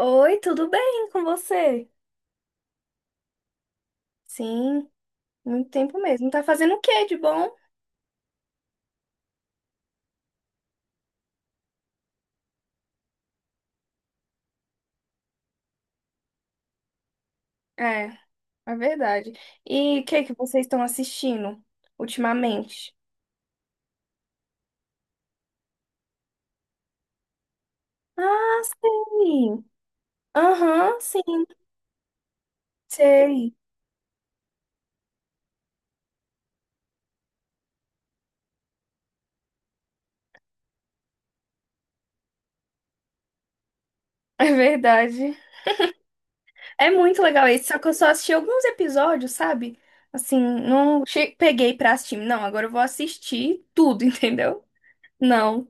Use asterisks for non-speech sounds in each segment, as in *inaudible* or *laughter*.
Oi, tudo bem com você? Sim, muito tempo mesmo. Tá fazendo o que de bom? É, é verdade. E o que que vocês estão assistindo ultimamente? Ah, sei. Aham, sim, sei. *laughs* É verdade. É muito legal esse, só que eu só assisti alguns episódios, sabe? Assim, não che- peguei pra assistir. Não, agora eu vou assistir tudo, *laughs* entendeu? Não.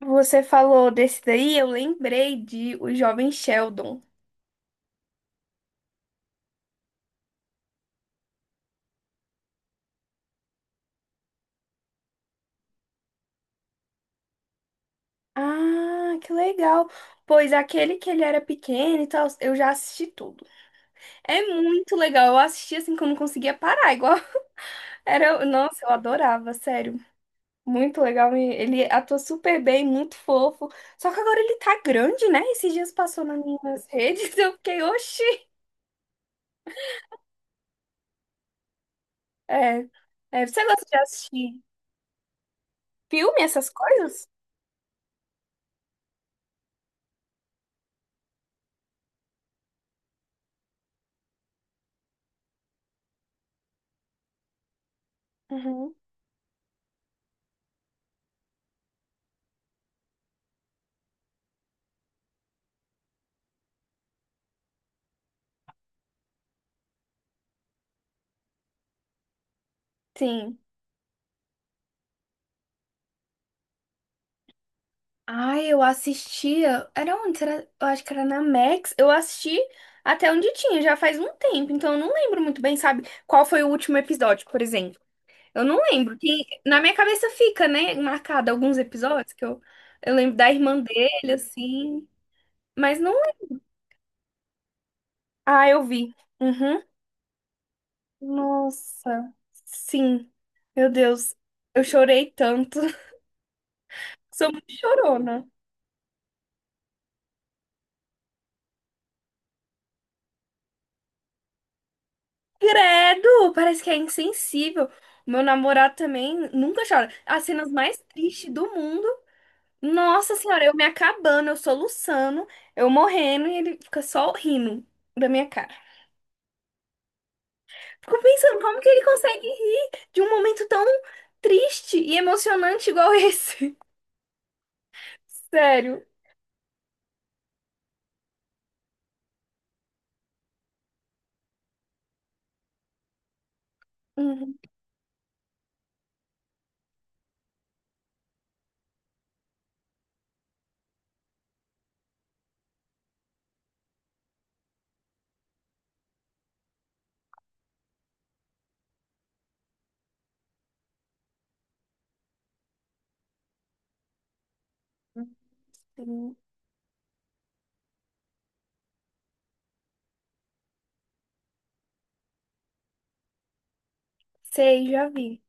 Você falou desse daí, eu lembrei de O Jovem Sheldon. Ah, que legal. Pois aquele que ele era pequeno e tal, eu já assisti tudo. É muito legal. Eu assisti assim que eu não conseguia parar, igual *laughs* era, nossa, eu adorava, sério. Muito legal, e ele atua super bem, muito fofo. Só que agora ele tá grande, né? Esses dias passou nas minhas redes, *laughs* eu fiquei, oxi. É, é, você gosta de assistir filme, essas coisas? Uhum. Sim. Ai, eu assistia. Era onde? Será? Eu acho que era na Max. Eu assisti até onde tinha, já faz um tempo. Então eu não lembro muito bem, sabe? Qual foi o último episódio, por exemplo. Eu não lembro. Que na minha cabeça fica, né? Marcado alguns episódios que eu lembro da irmã dele, assim. Mas não lembro. Ah, eu vi. Uhum. Nossa. Sim. Meu Deus. Eu chorei tanto. *laughs* Sou muito chorona. Credo, parece que é insensível. O Meu namorado também nunca chora. As cenas mais tristes do mundo. Nossa senhora, eu me acabando, eu soluçando, eu morrendo e ele fica só rindo da minha cara. Fico pensando como que ele consegue rir de um momento tão triste e emocionante igual esse. *laughs* Sério. Uhum. Uhum. Sei, já vi.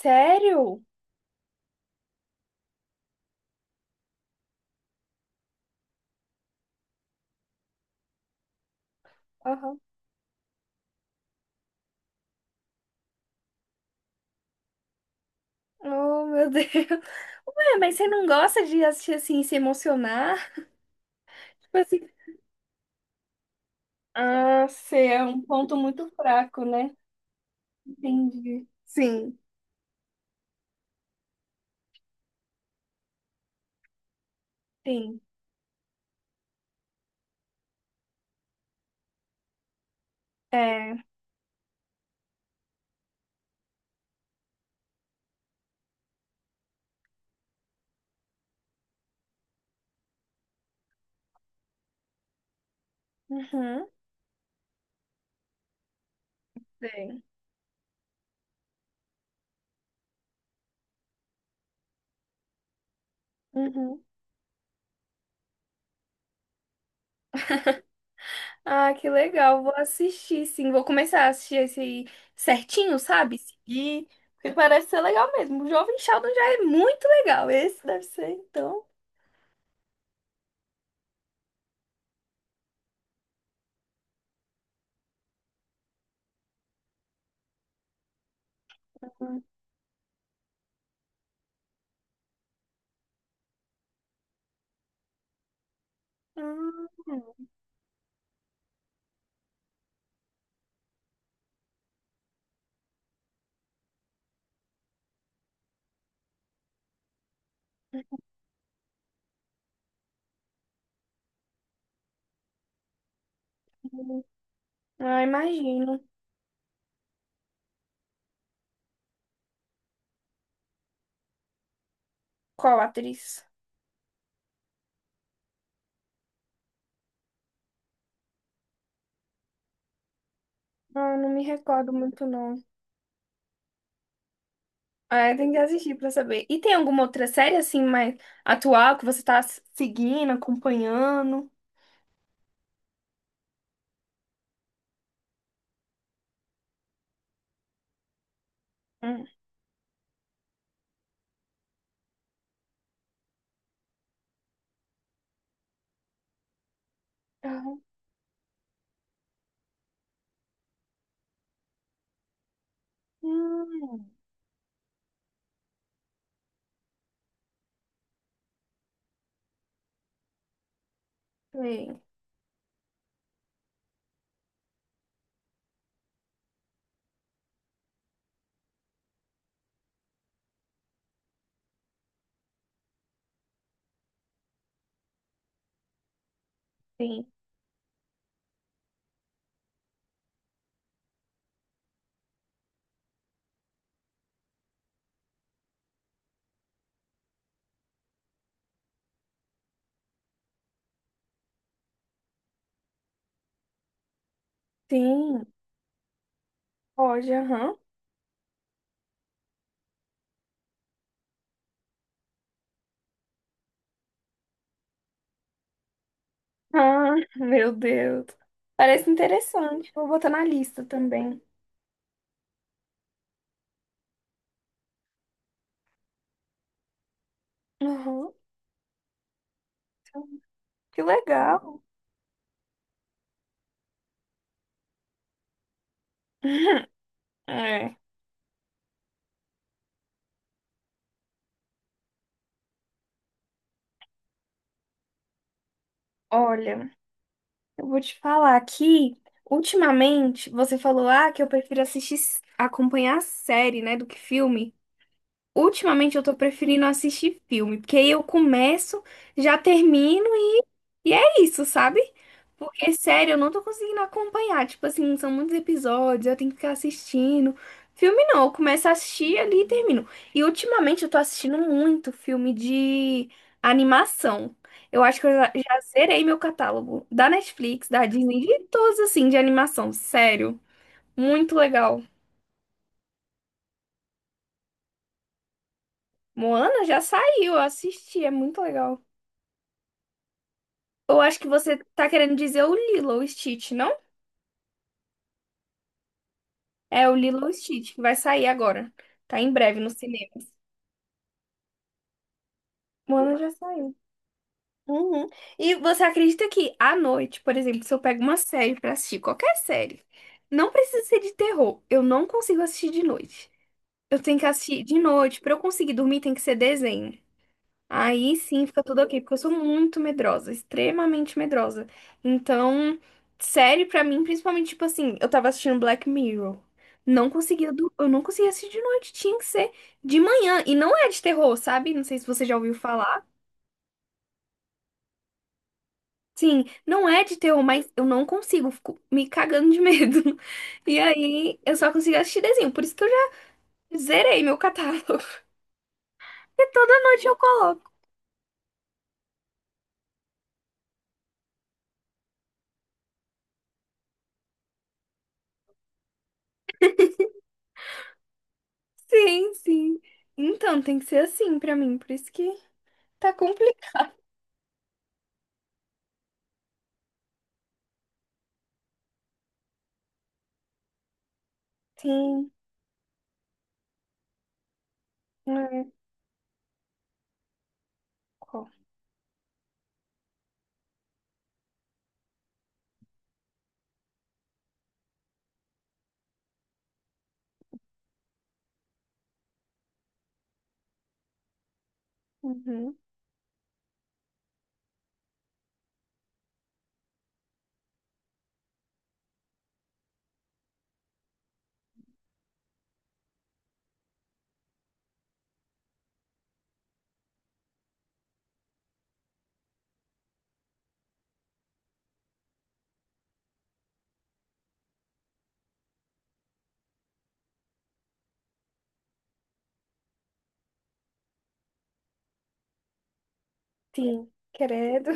Sério? Aham. Oh, meu *laughs* Deus. Ué, mas você não gosta de assistir assim e se emocionar? Tipo assim, ah, sei, é um ponto muito fraco, né? Entendi. Sim, sim. É. Uhum, sei. Uhum. Ah, que legal. Vou assistir, sim. Vou começar a assistir esse aí certinho, sabe? Seguir. Porque parece ser legal mesmo. O Jovem Sheldon já é muito legal. Esse deve ser, então. Hum. Ah, imagino. Qual atriz? Ah, não me recordo muito, não. Ah, tem que assistir pra saber. E tem alguma outra série assim mais atual que você tá seguindo, acompanhando? Hum. Ah, hum. Tem, sim, tem. Pode, aham. Ah, meu Deus. Parece interessante. Vou botar na lista também. Aham. Que legal. *laughs* É. Olha, eu vou te falar aqui. Ultimamente, você falou, ah, que eu prefiro assistir, acompanhar série, né, do que filme. Ultimamente eu tô preferindo assistir filme, porque aí eu começo, já termino e é isso, sabe? Porque, sério, eu não tô conseguindo acompanhar. Tipo assim, são muitos episódios, eu tenho que ficar assistindo. Filme não, eu começo a assistir ali e termino. E ultimamente eu tô assistindo muito filme de animação. Eu acho que eu já zerei meu catálogo da Netflix, da Disney, de todos assim, de animação. Sério, muito legal. Moana já saiu, eu assisti, é muito legal. Eu acho que você tá querendo dizer o Lilo e Stitch, não? É o Lilo e Stitch, que vai sair agora. Tá em breve nos cinemas. Moana já saiu. Uhum. E você acredita que à noite, por exemplo, se eu pego uma série pra assistir, qualquer série, não precisa ser de terror. Eu não consigo assistir de noite. Eu tenho que assistir de noite. Pra eu conseguir dormir, tem que ser desenho. Aí sim fica tudo ok, porque eu sou muito medrosa, extremamente medrosa. Então, série pra mim, principalmente, tipo assim, eu tava assistindo Black Mirror. Não conseguia, eu não conseguia assistir de noite, tinha que ser de manhã. E não é de terror, sabe? Não sei se você já ouviu falar. Sim, não é de terror, mas eu não consigo, fico me cagando de medo. *laughs* E aí, eu só consigo assistir desenho, por isso que eu já zerei meu catálogo. *laughs* E toda noite eu coloco. Sim, sim. Então, tem que ser assim pra mim, por isso que tá complicado. Sim, é. Ó, uhum. Sim, credo.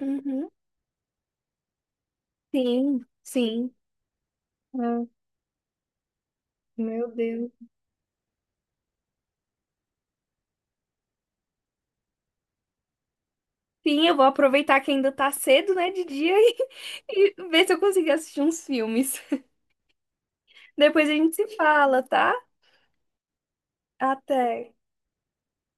Uhum. Sim, sim. Ah, meu Deus. Sim, eu vou aproveitar que ainda tá cedo, né, de dia e, *laughs* e ver se eu consigo assistir uns filmes. *laughs* Depois a gente se fala, tá? Até.